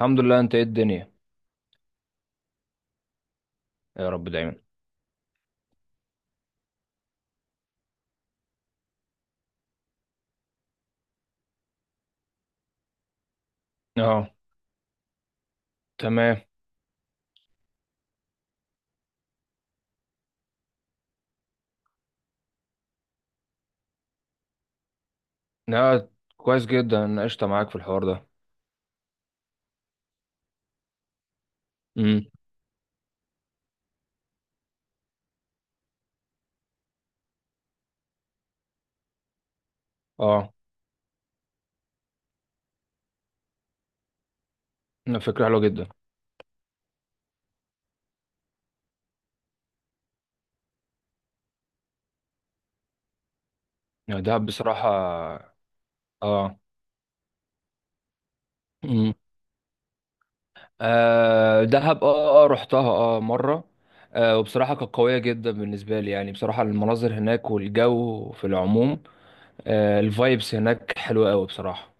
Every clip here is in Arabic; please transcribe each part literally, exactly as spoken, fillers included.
الحمد لله. انت ايه الدنيا؟ يا رب دايما. اه، تمام. لا، كويس جدا. انا قشطه معاك في الحوار ده. امم. اه. لا، فكره حلوه جدا. يعني دهب بصراحه. اه. امم. آه، دهب، اه اه رحتها اه مره. آه، وبصراحه كانت قويه جدا بالنسبه لي. يعني بصراحه المناظر هناك والجو في العموم. آه، الفايبس هناك حلوه قوي بصراحه.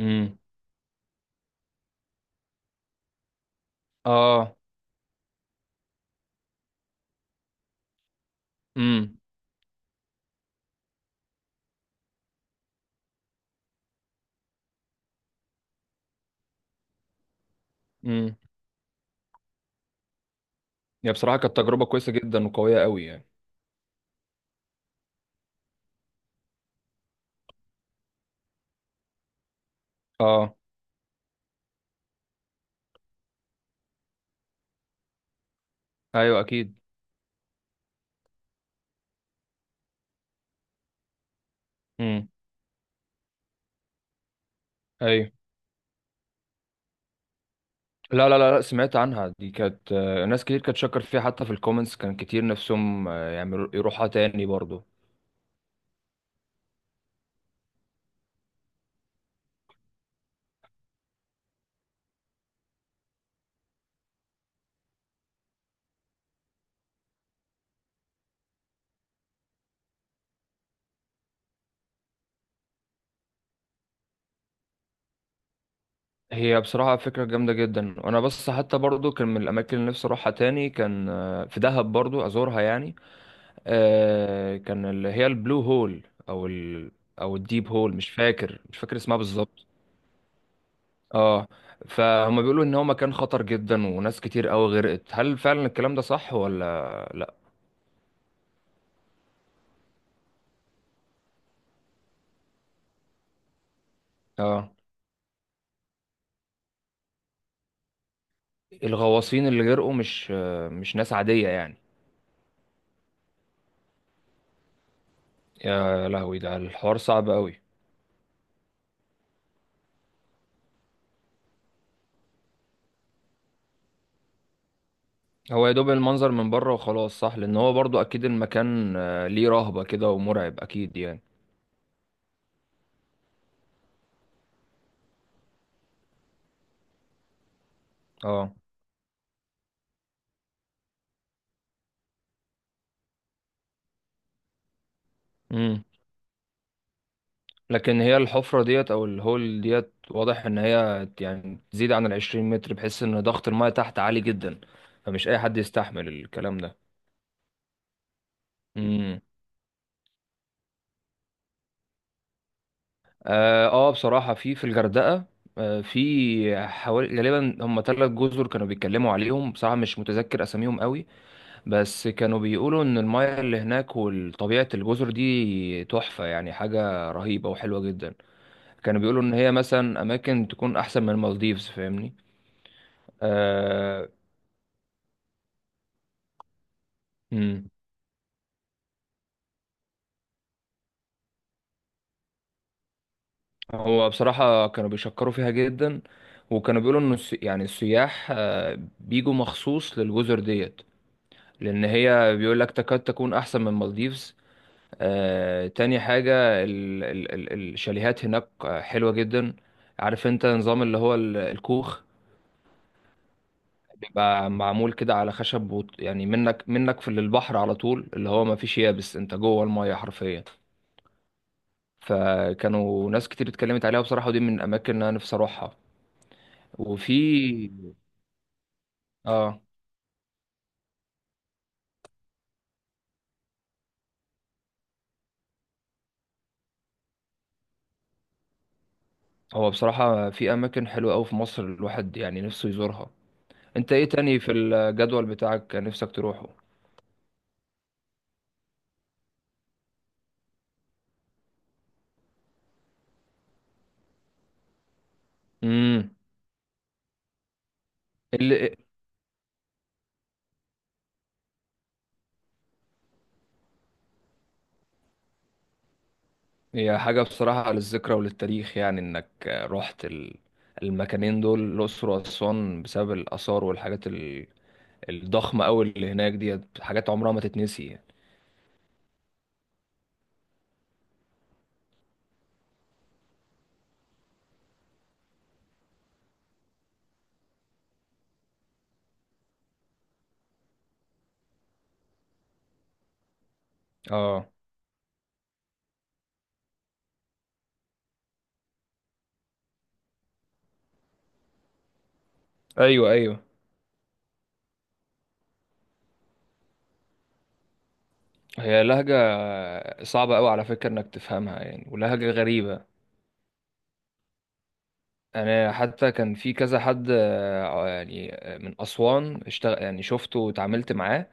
امم. اه. امم، امم. يعني بصراحه كانت تجربه كويسه جدا وقويه قوي يعني. اه. ايوه، اكيد. ايوه. لا، لا، لا، لا، سمعت عنها. دي كانت، آه، ناس كتير كانت شكر فيها حتى في الكومنتس، كان كتير نفسهم، آه، يعملوا يروحها تاني برضو. هي بصراحة فكرة جامدة جدا، وانا بس حتى برضو كان من الاماكن اللي نفسي اروحها تاني، كان آه، في دهب برضو ازورها يعني. آه، كان اللي هي البلو هول، او ال او الديب هول. مش فاكر مش فاكر اسمها بالظبط. اه. فهم بيقولوا ان هو مكان خطر جدا وناس كتير قوي غرقت. هل فعلا الكلام ده صح ولا لا؟ اه. الغواصين اللي جرقوا مش مش ناس عادية يعني. يا لهوي، ده الحوار صعب قوي. هو يا دوب المنظر من بره وخلاص. صح، لان هو برضو اكيد المكان آه، ليه رهبة كده ومرعب اكيد يعني. اه. امم. لكن هي الحفرة ديت او الهول ديت، واضح ان هي يعني تزيد عن العشرين متر، بحيث ان ضغط الماء تحت عالي جدا. فمش اي حد يستحمل الكلام ده. امم. اه. آه، بصراحة في في الغردقة، آه، في حوالي غالبا هم ثلاث جزر كانوا بيتكلموا عليهم. بصراحة مش متذكر أساميهم قوي، بس كانوا بيقولوا إن المياه اللي هناك وطبيعة الجزر دي تحفة، يعني حاجة رهيبة وحلوة جدا. كانوا بيقولوا إن هي مثلا أماكن تكون أحسن من المالديفز، فاهمني؟ آه. مم. هو بصراحة كانوا بيشكروا فيها جدا، وكانوا بيقولوا إن الس- يعني السياح، آه، بيجوا مخصوص للجزر ديت، لان هي بيقول لك تكاد تكون احسن من مالديفز. آه، تاني حاجة ال- ال- ال- الشاليهات هناك آه، حلوة جدا. عارف انت نظام اللي هو ال- الكوخ؟ بيبقى معمول كده على خشب، وط- يعني منك منك في للبحر على طول، اللي هو ما فيش يابس، انت جوه المية حرفيا. فكانوا ناس كتير اتكلمت عليها بصراحة، ودي من الاماكن اللي انا نفسي اروحها. وفي. اه. هو بصراحة في اماكن حلوة قوي في مصر، الواحد يعني نفسه يزورها. انت ايه تاني في الجدول بتاعك نفسك تروحه؟ امم. اللي هي حاجه بصراحه للذكرى وللتاريخ، يعني انك رحت ال- المكانين دول، الاقصر واسوان، بسبب الاثار والحاجات ال- الضخمه قوي اللي هناك ديت. حاجات عمرها ما تتنسي يعني. اه. ايوه، ايوه. هي لهجه صعبه قوي على فكره انك تفهمها يعني، ولهجه غريبه. انا حتى كان في كذا حد، آه، يعني من اسوان، اشتغل يعني شفته واتعاملت معاه.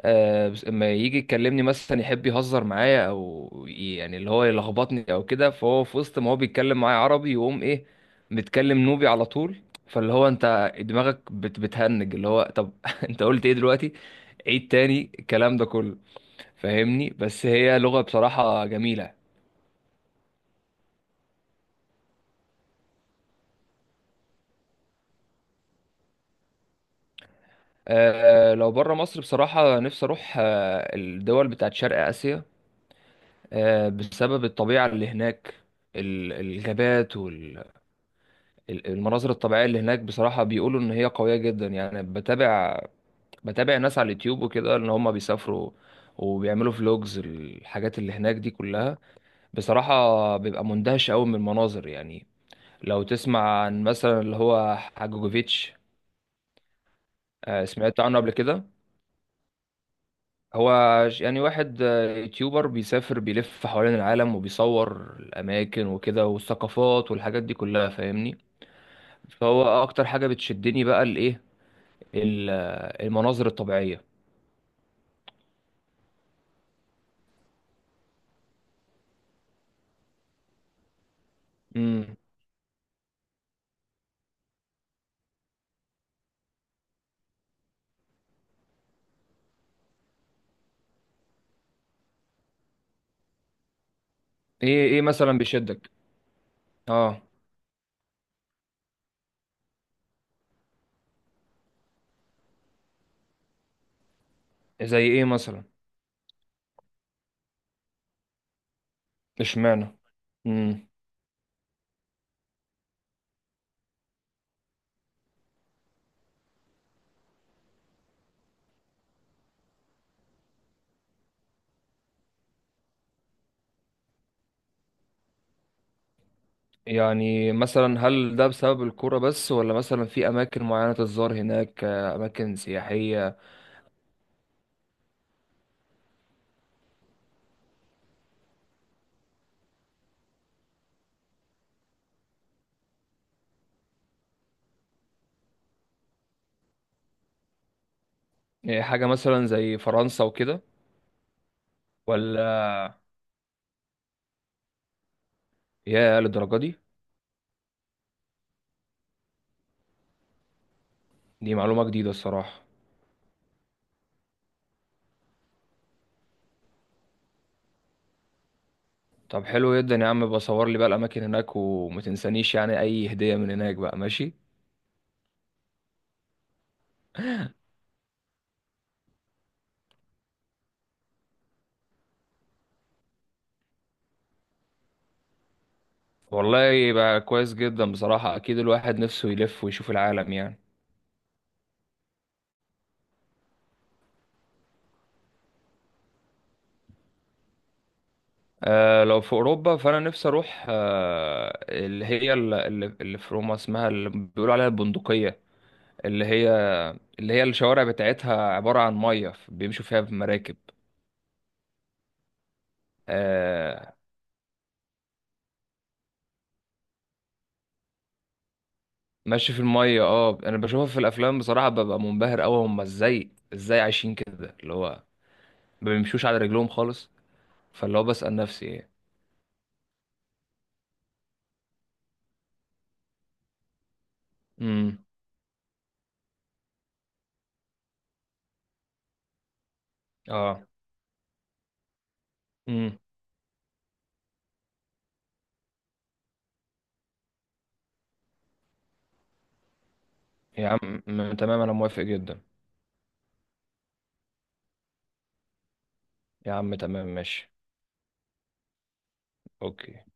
آه، بس اما يجي يكلمني مثلا، يحب يهزر معايا او ي- يعني اللي هو يلخبطني او كده، فهو في وسط ما هو بيتكلم معايا عربي، يقوم ايه متكلم نوبي على طول. فاللي هو انت دماغك بت بتهنج، اللي هو طب انت قلت ايه دلوقتي؟ عيد تاني الكلام ده كله. فاهمني؟ بس هي لغة بصراحة جميلة. آه، لو بره مصر بصراحة نفسي اروح آه الدول بتاعت شرق اسيا، آه، بسبب الطبيعة اللي هناك. ال- الغابات، ال- المناظر الطبيعية اللي هناك، بصراحة بيقولوا إن هي قوية جدا يعني. بتابع بتابع ناس على اليوتيوب وكده، إن هما بيسافروا وبيعملوا فلوجز الحاجات اللي هناك دي كلها. بصراحة بيبقى مندهش أوي من المناظر يعني. لو تسمع عن مثلا اللي هو حاجوجوفيتش. آه، سمعت عنه قبل كده؟ هو ش- يعني واحد، آه، يوتيوبر بيسافر بيلف حوالين العالم، وبيصور الأماكن وكده، والثقافات والحاجات دي كلها، فاهمني؟ فهو أكتر حاجة بتشدني بقى الإيه، ال- المناظر الطبيعية. امم. ايه ايه مثلا بيشدك؟ اه. زي ايه مثلا؟ اشمعنى؟ امم. يعني مثلا هل ده بسبب الكرة بس، ولا مثلا في اماكن معينة تتزار هناك، آه، اماكن سياحية؟ إيه حاجة مثلا زي فرنسا وكده؟ ولا يا للدرجة دي؟ دي معلومة جديدة الصراحة. طب حلو جدا يا عم، بصور لي بقى الاماكن هناك، وما تنسانيش يعني اي هدية من هناك بقى، ماشي. والله يبقى كويس جدا بصراحة، اكيد الواحد نفسه يلف ويشوف العالم يعني. آه، لو في أوروبا فأنا نفسي أروح آه اللي هي ال- اللي, اللي في روما، اسمها اللي بيقولوا عليها البندقية. اللي هي اللي هي الشوارع بتاعتها عبارة عن مية بيمشوا فيها بمراكب. آه. ماشي في المية. اه أنا بشوفها في الأفلام، بصراحة ببقى منبهر أوي، هما ازاي ازاي عايشين كده، اللي هو ما بيمشوش على رجلهم خالص. فاللي هو بسأل نفسي ايه. امم. اه. امم. يا عم م- تمام، أنا موافق جدا. يا عم تمام، ماشي. أوكي.